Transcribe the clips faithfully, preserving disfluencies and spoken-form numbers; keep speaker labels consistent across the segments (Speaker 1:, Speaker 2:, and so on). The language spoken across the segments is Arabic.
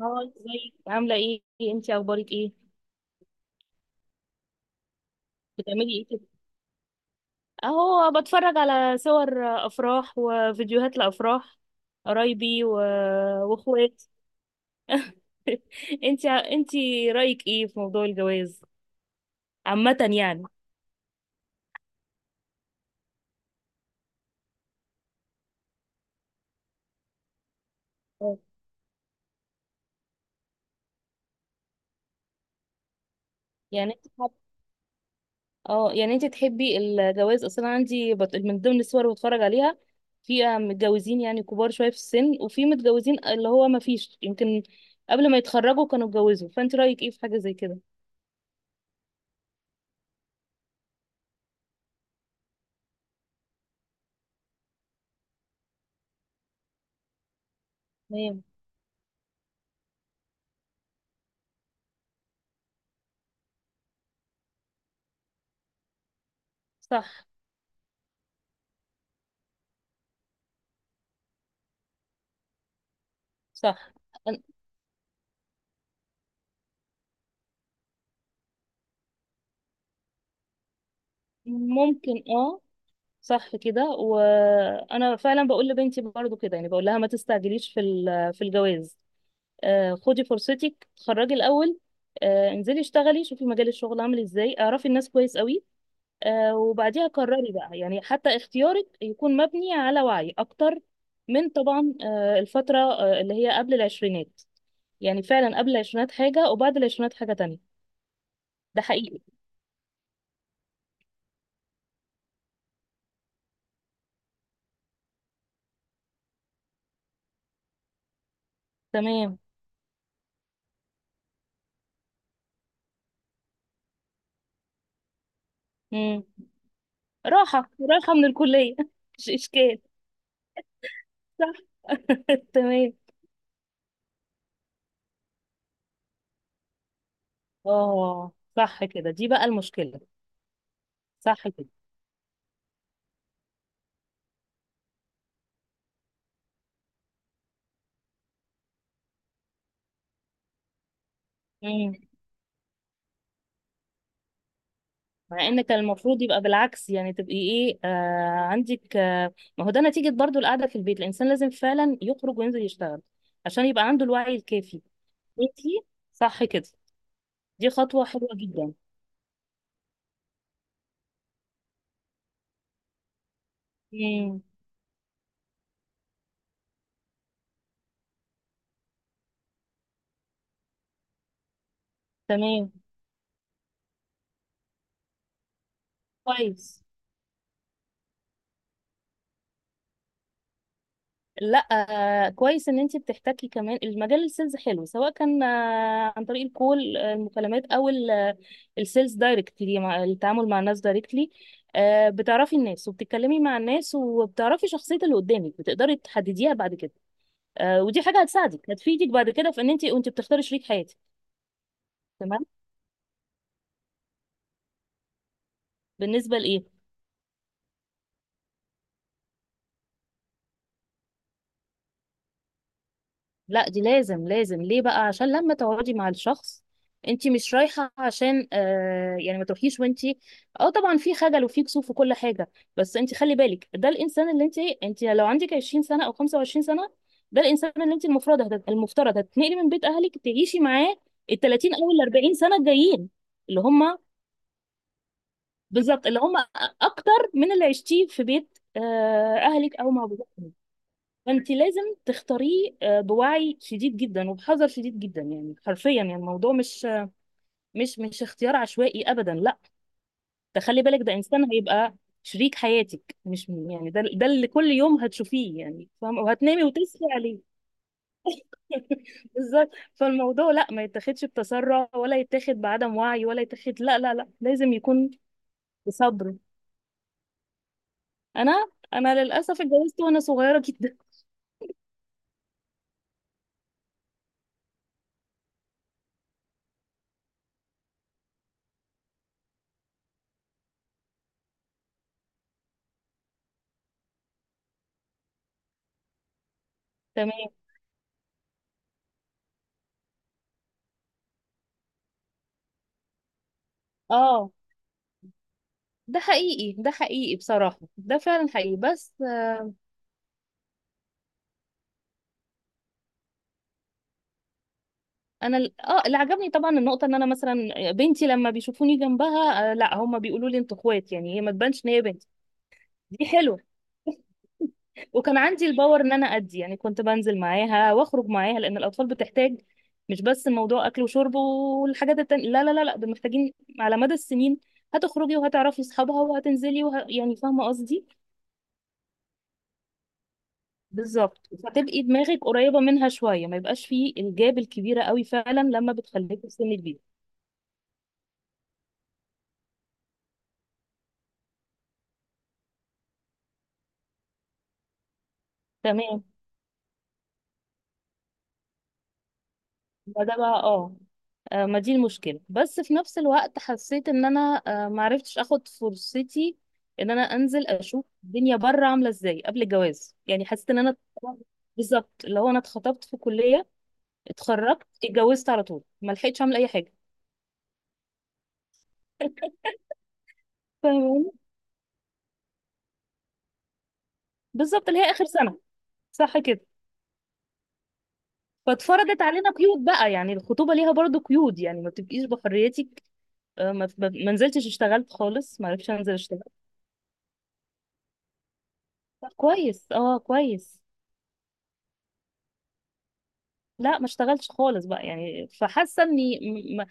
Speaker 1: اه ازيك عاملة ايه؟ انتي اخبارك ايه؟ بتعملي ايه كده؟ اهو بتفرج على صور افراح وفيديوهات لافراح قرايبي و... واخوات. انتي انتي رأيك ايه في موضوع الجواز عامة يعني؟ اه. يعني انت حب... اه، يعني انت تحبي الجواز اصلا؟ عندي بت... من ضمن الصور اللي بتفرج عليها في آه، متجوزين يعني كبار شوية في السن، وفي متجوزين اللي هو ما فيش، يمكن قبل ما يتخرجوا كانوا اتجوزوا. فانت رأيك ايه في حاجة زي كده؟ تمام. صح. صح. أن- ممكن اه. صح كده، وانا فعلا بقول لبنتي برضو كده، يعني بقول لها ما تستعجليش في ال- في الجواز. آه، خدي فرصتك اتخرجي الاول. آه، انزلي اشتغلي، شوفي مجال الشغل عامل ازاي، اعرفي الناس كويس قوي. آه، وبعديها قرري بقى، يعني حتى اختيارك يكون مبني على وعي اكتر من طبعا آه، الفترة آه، اللي هي قبل العشرينات. يعني فعلا قبل العشرينات حاجة وبعد العشرينات حاجة تانية. ده حقيقي. تمام. مم. راحة راحة من الكلية مش إشكال. صح. تمام. اه، صح كده، دي بقى المشكلة. صح كده. مم. مع ان كان المفروض يبقى بالعكس، يعني تبقي ايه آه عندك آه ما هو ده نتيجة برضو القعدة في البيت، الانسان لازم فعلا يخرج وينزل يشتغل عشان يبقى عنده الوعي الكافي. انتي صح كده، دي خطوة حلوة جدا. مم. تمام. كويس. لا. آه، كويس ان انت بتحتكي كمان، المجال السيلز حلو، سواء كان آه، عن طريق الكول آه، المكالمات او ال- آه، السيلز دايركتلي، مع التعامل مع الناس دايركتلي. آه، بتعرفي الناس وبتتكلمي مع الناس، وبتعرفي شخصية اللي قدامك، بتقدري تحدديها بعد كده. آه، ودي حاجة هتساعدك، هتفيدك بعد كده في ان انت وانت بتختاري شريك حياتك. تمام. بالنسبة لايه؟ لا دي لازم، لازم ليه بقى؟ عشان لما تقعدي مع الشخص انت مش رايحه عشان آه يعني، ما تروحيش وانت، اه طبعا في خجل وفي كسوف وكل حاجه، بس انت خلي بالك ده الانسان اللي انت انت لو عندك عشرين سنه او خمسة وعشرين سنه، ده الانسان اللي انت المفروض هت- المفترض هتتنقلي من بيت اهلك تعيشي معاه ال تلاتين او ال اربعين سنه الجايين. اللي هم بالظبط، اللي هم اكتر من اللي عشتيه في بيت آه اهلك او مع. فانت لازم تختاريه آه، بوعي شديد جدا وبحذر شديد جدا، يعني حرفيا يعني الموضوع مش، مش مش اختيار عشوائي ابدا، لا. تخلي بالك ده انسان هيبقى شريك حياتك، مش يعني ده ده اللي كل يوم هتشوفيه يعني، فاهمه، وهتنامي وتصحي عليه. بالظبط. فالموضوع لا، ما يتاخدش بتسرع، ولا يتاخد بعدم وعي، ولا يتاخد، لا لا لا، لازم يكون بصبر. انا، انا للاسف اتجوزت وانا صغيره جدا. تمام. اه، ده حقيقي، ده حقيقي بصراحه، ده فعلا حقيقي، بس. انا ال- اه اللي عجبني طبعا النقطه ان انا مثلا بنتي لما بيشوفوني جنبها آه لا، هم بيقولوا لي انتوا اخوات، يعني هي ما تبانش ان هي بنتي. دي حلوه. وكان عندي الباور ان انا ادي، يعني كنت بنزل معاها واخرج معاها، لان الاطفال بتحتاج، مش بس موضوع اكل وشرب والحاجات التانية، لا لا لا لا، دول محتاجين على مدى السنين. هتخرجي وهتعرفي اصحابها، وهتنزلي وه... يعني فاهمه قصدي. بالظبط، فتبقي دماغك قريبه منها شويه، ما يبقاش فيه الجاب الكبيره قوي فعلا لما بتخليكي في سن كبير. تمام. ما ده بقى اه، آه، ما دي المشكلة، بس في نفس الوقت حسيت ان انا آه، معرفتش اخد فرصتي ان انا انزل اشوف الدنيا بره عاملة ازاي قبل الجواز، يعني حسيت ان انا بالظبط، اللي هو انا اتخطبت في كلية، اتخرجت، اتجوزت على طول، ما لحقتش اعمل اي حاجة. فاهماني؟ بالظبط، اللي هي اخر سنة. صح كده. فاتفرضت علينا قيود بقى، يعني الخطوبة ليها برضو قيود، يعني ما بتبقيش بحريتك. آه، ما ما- ما نزلتش اشتغلت خالص، ما عرفتش انزل اشتغل. طب كويس، اه كويس. لا ما اشتغلتش خالص بقى، يعني فحاسه اني م-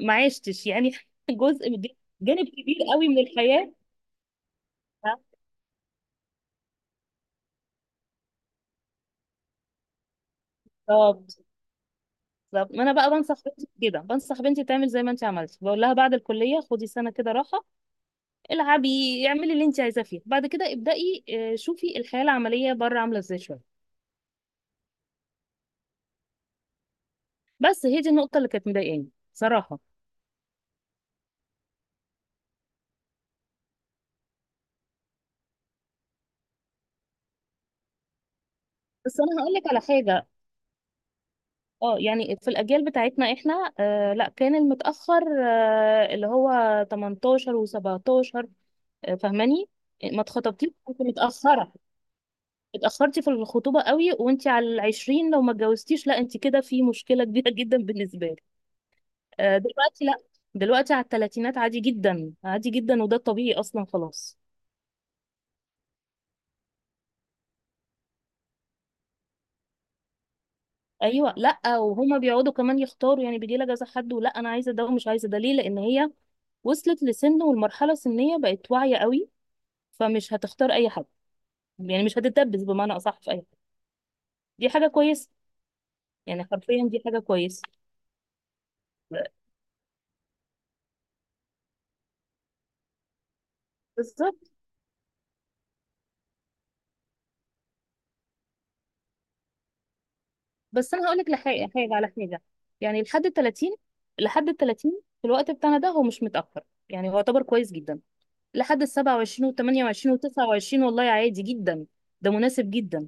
Speaker 1: م- ما عشتش يعني، جزء من- جانب كبير قوي من الحياه. بالظبط. بالظبط، ما انا بقى بنصح بنتي كده، بنصح بنتي تعمل زي ما انت عملتي، بقول لها بعد الكليه خدي سنه كده راحه، العبي، اعملي اللي انت عايزاه، فيه بعد كده ابدأي. آه، شوفي الحياه العمليه بره عامله ازاي شويه. بس هي دي النقطه اللي كانت مضايقاني صراحه. بس انا هقول لك على حاجه، اه يعني في الاجيال بتاعتنا احنا آه لا، كان المتاخر آه اللي هو تمنتاشر و17. آه فاهماني؟ ما اتخطبتيش كنت متاخره، اتاخرتي في الخطوبه قوي، وانت على العشرين لو ما اتجوزتيش، لا انت كده في مشكله كبيره جدا بالنسبه لك. آه دلوقتي لا، دلوقتي على الثلاثينات عادي جدا، عادي جدا، وده الطبيعي اصلا خلاص. ايوه، لا وهما بيقعدوا كمان يختاروا، يعني بيجي لها كذا حد، ولا انا عايزه ده ومش عايزه ده، ليه؟ لان هي وصلت لسن والمرحله السنيه بقت واعيه قوي، فمش هتختار اي حد، يعني مش هتتدبس بمعنى اصح في اي حد. دي حاجه كويسه، يعني حرفيا دي حاجه كويسه. بالظبط. بس انا هقول لك، لحاجه حاجه على حاجه، يعني لحد ال تلاتين، لحد ال ثلاثين في الوقت بتاعنا ده هو مش متاخر، يعني هو يعتبر كويس جدا، لحد ال سبعة وعشرين وال تمانية وعشرين وال تسعة وعشرين والله عادي جدا. ده مناسب جدا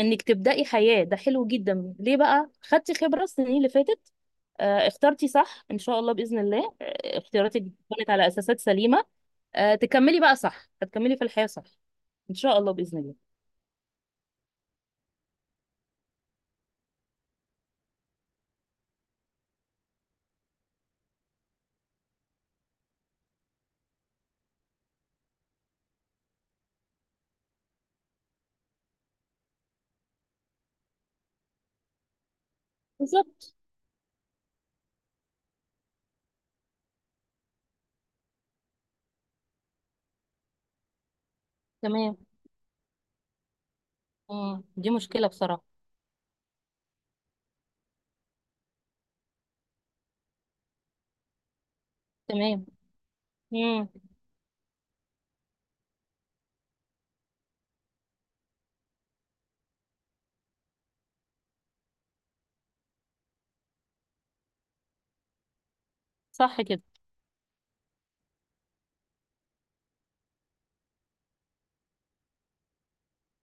Speaker 1: انك تبداي حياه، ده حلو جدا، ليه بقى؟ خدتي خبره السنين اللي فاتت، آه، اخترتي صح ان شاء الله باذن الله، آه، اختياراتك كانت على اساسات سليمه، آه تكملي بقى صح، هتكملي في الحياة صح ان شاء الله بإذن الله. بالظبط. تمام. مم. دي مشكلة بصراحة. تمام. مم. صح كده.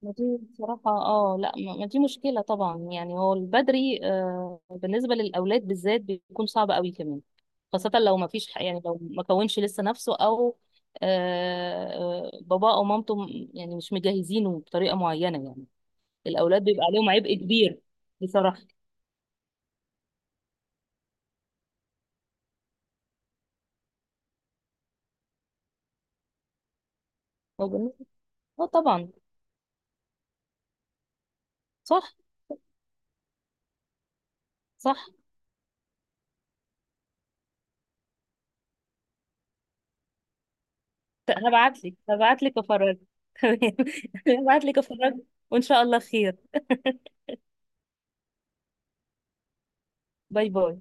Speaker 1: ما دي بصراحة اه، لا، ما ما دي مشكلة طبعا، يعني هو البدري آه بالنسبة للأولاد بالذات بيكون صعب قوي كمان، خاصة لو ما فيش ح- يعني لو ما كونش لسه نفسه، أو آه آه، باباه أو مامته م- يعني مش مجهزينه بطريقة معينة يعني. الأولاد بيبقى عليهم عبء كبير بصراحة. هو بالنسبة- اه طبعا. صح. صح. هبعت لك هبعت لك افرجك. تمام، هبعت لك افرجك وان شاء الله خير. باي باي.